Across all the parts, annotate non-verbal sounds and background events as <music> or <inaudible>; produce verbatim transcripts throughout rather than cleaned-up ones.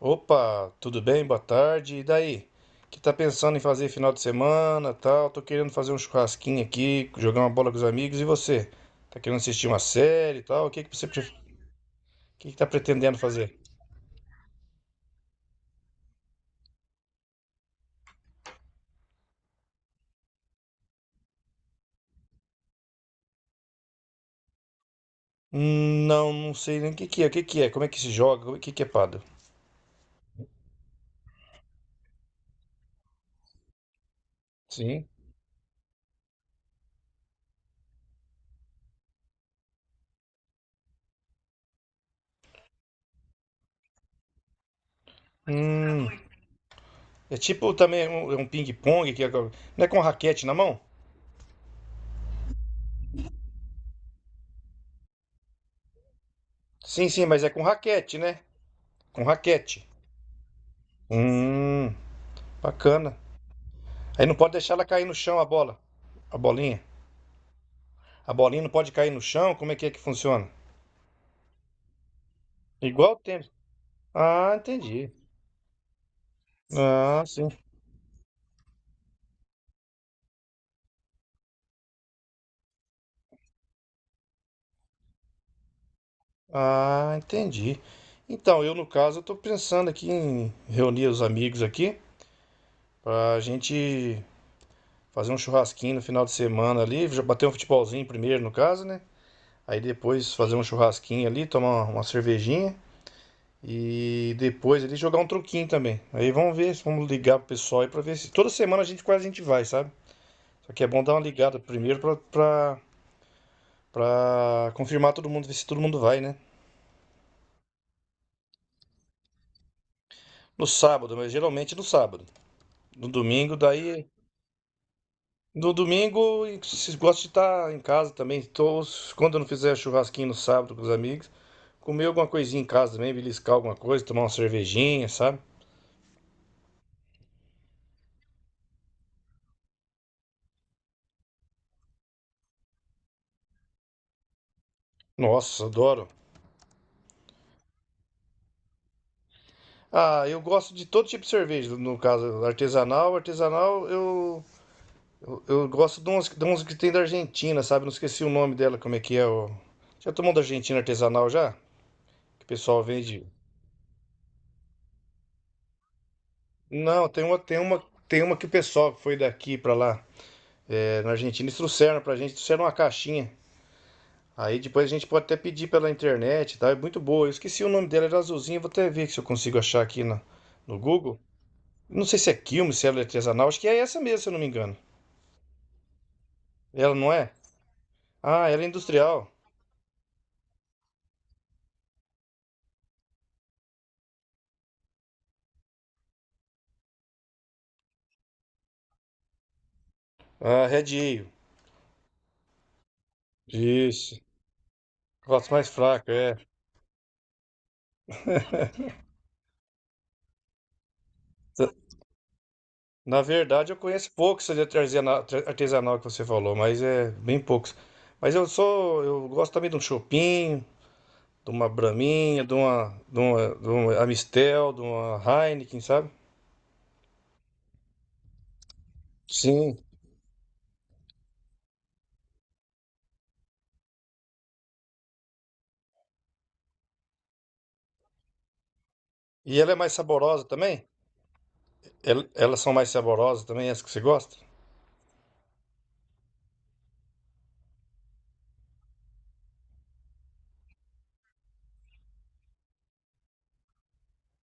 Opa, tudo bem? Boa tarde. E daí? Que tá pensando em fazer final de semana, tal? Tô querendo fazer um churrasquinho aqui, jogar uma bola com os amigos. E você? Tá querendo assistir uma série, e tal? O que que você pre- o que que tá pretendendo fazer? Hum, não, não sei nem o que que é. O que que é? Como é que se joga? Como é- O que que é pado? Sim. Hum, É tipo também um, é um ping-pong que é com- não é com raquete na mão? Sim, sim, mas é com raquete, né? Com raquete. Hum, bacana. Aí não pode deixar ela cair no chão a bola, a bolinha. A bolinha não pode cair no chão? Como é que é que funciona? Igual o tênis. Ah, entendi. Ah, sim. Ah, entendi. Então, eu no caso, eu tô pensando aqui em reunir os amigos aqui pra gente fazer um churrasquinho no final de semana ali, já bater um futebolzinho primeiro no caso, né? Aí depois fazer um churrasquinho ali, tomar uma cervejinha e depois ali jogar um truquinho também. Aí vamos ver, vamos ligar pro pessoal aí pra ver se toda semana a gente quase a gente vai, sabe? Só que é bom dar uma ligada primeiro pra, pra Pra confirmar todo mundo, ver se todo mundo vai, né? No sábado, mas geralmente no sábado. No domingo, daí. No domingo, e se- gosto de estar em casa também. Tô, quando eu não fizer churrasquinho no sábado com os amigos, comer alguma coisinha em casa também, beliscar alguma coisa, tomar uma cervejinha, sabe? Nossa, adoro. Ah, eu gosto de todo tipo de cerveja, no caso, artesanal. Artesanal, eu, eu, eu gosto de umas, de umas que tem da Argentina, sabe? Não esqueci o nome dela, como é que é. o- Já tomou da Argentina artesanal já? Que o pessoal vende. Não, tem uma, tem uma, tem uma que o pessoal que foi daqui pra lá, é, na Argentina, eles trouxeram pra gente, trouxeram uma caixinha. Aí depois a gente pode até pedir pela internet, e tal, é muito boa. Eu esqueci o nome dela, era azulzinha, vou até ver se eu consigo achar aqui na, no Google. Não sei se é quilme, se ela é artesanal, acho que é essa mesmo, se eu não me engano. Ela não é? Ah, ela é industrial. Ah, Red Ale. Isso. Gosto mais fraco, é. Na verdade, eu conheço poucos de artesana- tra- artesanal que você falou, mas é bem poucos. Mas eu sou, eu gosto também de um chopinho, de uma braminha, de uma, de uma, de uma Amistel, de uma Heineken, sabe? Sim. E ela é mais saborosa também? El- elas são mais saborosas também, as que você gosta?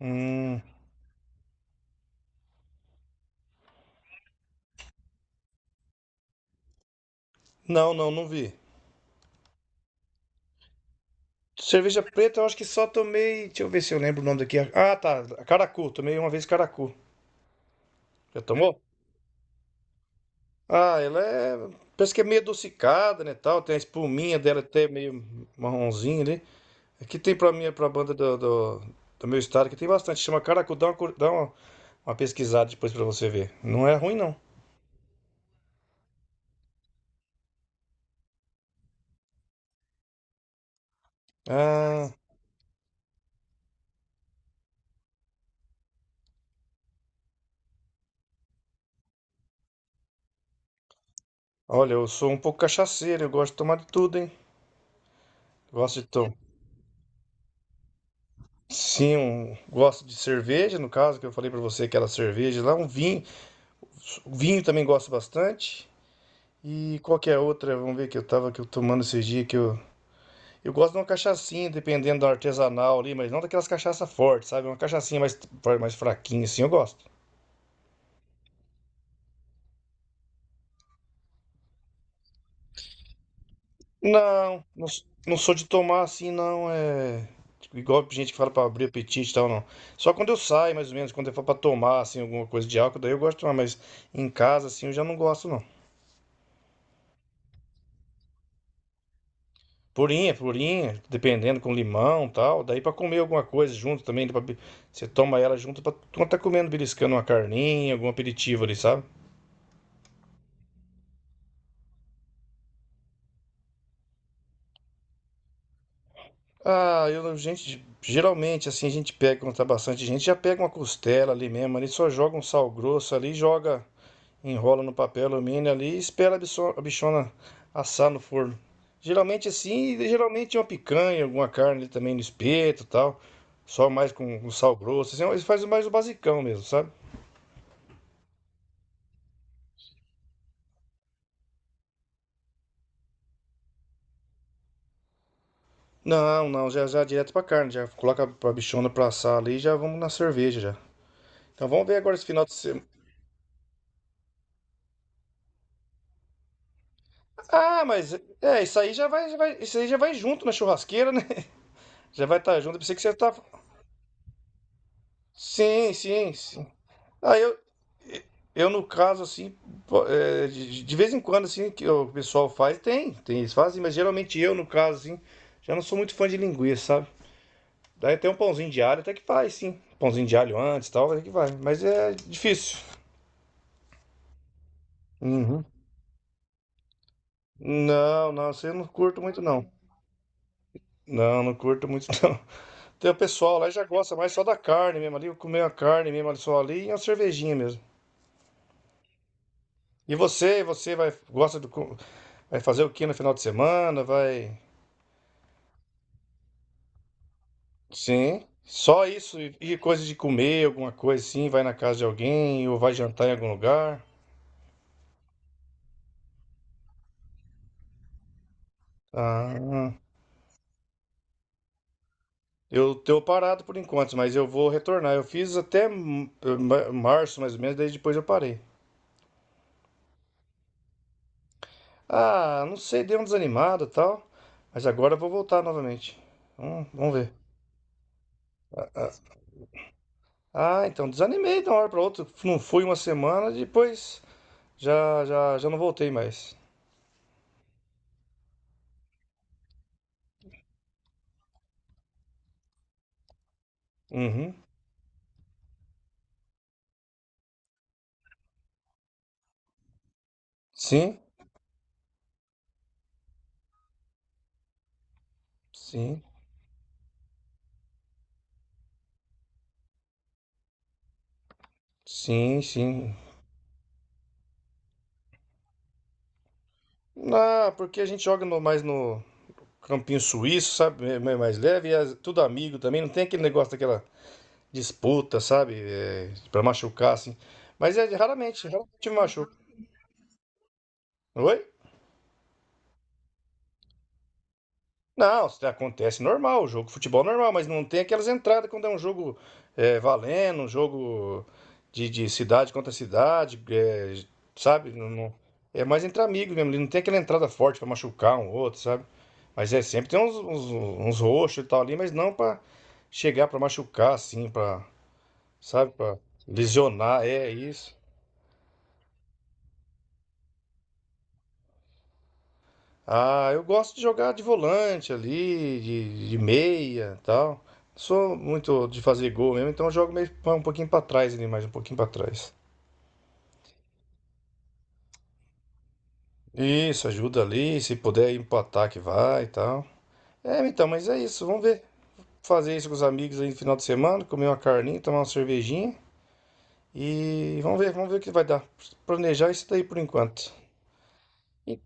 Hum, não, não, não vi. Cerveja preta, eu acho que só tomei. Deixa eu ver se eu lembro o nome daqui. Ah, tá. Caracu. Tomei uma vez Caracu. Já tomou? Ah, ela é. Parece que é meio adocicada, né? Tal. Tem a espuminha dela até meio marronzinha ali. Aqui tem pra mim, é pra banda do, do, do meu estado, que tem bastante. Chama Caracu, dá uma, cur- dá uma, uma pesquisada depois pra você ver. Não é ruim, não. Ah, olha, eu sou um pouco cachaceiro, eu gosto de tomar de tudo, hein? Gosto de tomar. Sim, um- gosto de cerveja, no caso, que eu falei pra você, aquela cerveja lá, um vinho. Vinho também gosto bastante. E qual que é a outra? Vamos ver que eu tava que eu tomando esses dias que eu. Eu gosto de uma cachaçinha, dependendo da artesanal ali, mas não daquelas cachaças fortes, sabe? Uma cachaçinha mais, mais fraquinha, assim, eu gosto. Não, não, s- não sou de tomar assim, não. É, tipo, igual gente que fala pra abrir apetite e tal, não. Só quando eu saio, mais ou menos, quando eu for pra tomar, assim, alguma coisa de álcool, daí eu gosto de tomar, mas em casa, assim, eu já não gosto, não. Purinha, purinha, dependendo, com limão e tal. Daí pra comer alguma coisa junto também, pra... be- você toma ela junto pra quando tá comendo, beliscando uma carninha, algum aperitivo ali, sabe? Ah, eu, gente, geralmente assim a gente pega, quando tá bastante gente, já pega uma costela ali mesmo, ali só joga um sal grosso ali, joga, enrola no papel alumínio ali e espera a bicho- a bichona assar no forno. Geralmente assim, e geralmente uma picanha, alguma carne ali também no espeto e tal, só mais com, com sal grosso, assim, eles fazem mais o basicão mesmo, sabe? Não, não, já já direto pra carne, já coloca pra bichona pra assar ali e já vamos na cerveja já. Então vamos ver agora esse final de semana. Ah, mas é, isso aí já vai, já vai- isso aí já vai junto na churrasqueira, né? <laughs> Já vai estar junto. Eu pensei que você tá. Sim, sim, sim. Ah, eu, eu no caso, assim, pô, é, de, de vez em quando, assim, que o pessoal faz, tem, tem, eles fazem, mas geralmente eu, no caso, assim, já não sou muito fã de linguiça, sabe? Daí tem um pãozinho de alho, até que faz, sim. Pãozinho de alho antes e tal, até que vai. Mas é difícil. Uhum. Não, não, isso eu não curto muito, não. Não, não curto muito, <laughs> não. Tem o pessoal lá já gosta mais só da carne mesmo ali, comer a carne mesmo ali só ali e uma cervejinha mesmo. E você, você vai gosta do co- vai fazer o que no final de semana, vai sim, só isso e e coisa de comer, alguma coisa assim, vai na casa de alguém ou vai jantar em algum lugar. Ah, eu tô parado por enquanto, mas eu vou retornar. Eu fiz até m- ma- março mais ou menos, daí depois eu parei. Ah, não sei, deu um desanimado e tal, mas agora eu vou voltar novamente. Hum, vamos ver. Ah, então desanimei de uma hora para outra. Não fui uma semana, depois já já já não voltei mais. Uhum. Sim, sim, sim, sim. Ah, porque a gente joga no- mais no campinho suíço, sabe? É mais mais leve, e as- tudo amigo também. Não tem aquele negócio daquela disputa, sabe? É, para machucar, assim. Mas é raramente, raramente me machuca. Oi? Não, isso acontece normal, jogo de futebol é normal, mas não tem aquelas entradas quando é um jogo é, valendo, um jogo de, de cidade contra cidade, é, sabe? Não- não- é mais entre amigos mesmo, ele não tem aquela entrada forte pra machucar um outro, sabe? Mas é sempre tem uns, uns, uns roxos e tal ali, mas não pra chegar pra machucar assim, pra, sabe? Pra lesionar, é isso. Ah, eu gosto de jogar de volante ali, de, de meia tal. Sou muito de fazer gol mesmo, então eu jogo meio pra- um pouquinho pra trás ali, mais um pouquinho pra trás. Isso, ajuda ali, se puder ir pro ataque vai e tal. É, então, mas é isso, vamos ver. Fazer isso com os amigos aí no final de semana, comer uma carninha, tomar uma cervejinha e vamos ver, vamos ver o que vai dar. Planejar isso daí por enquanto. E-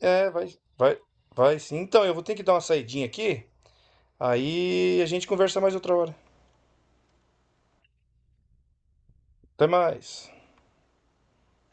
É, vai, vai, vai sim. Então, eu vou ter que dar uma saidinha aqui, aí a gente conversa mais outra hora. Até mais.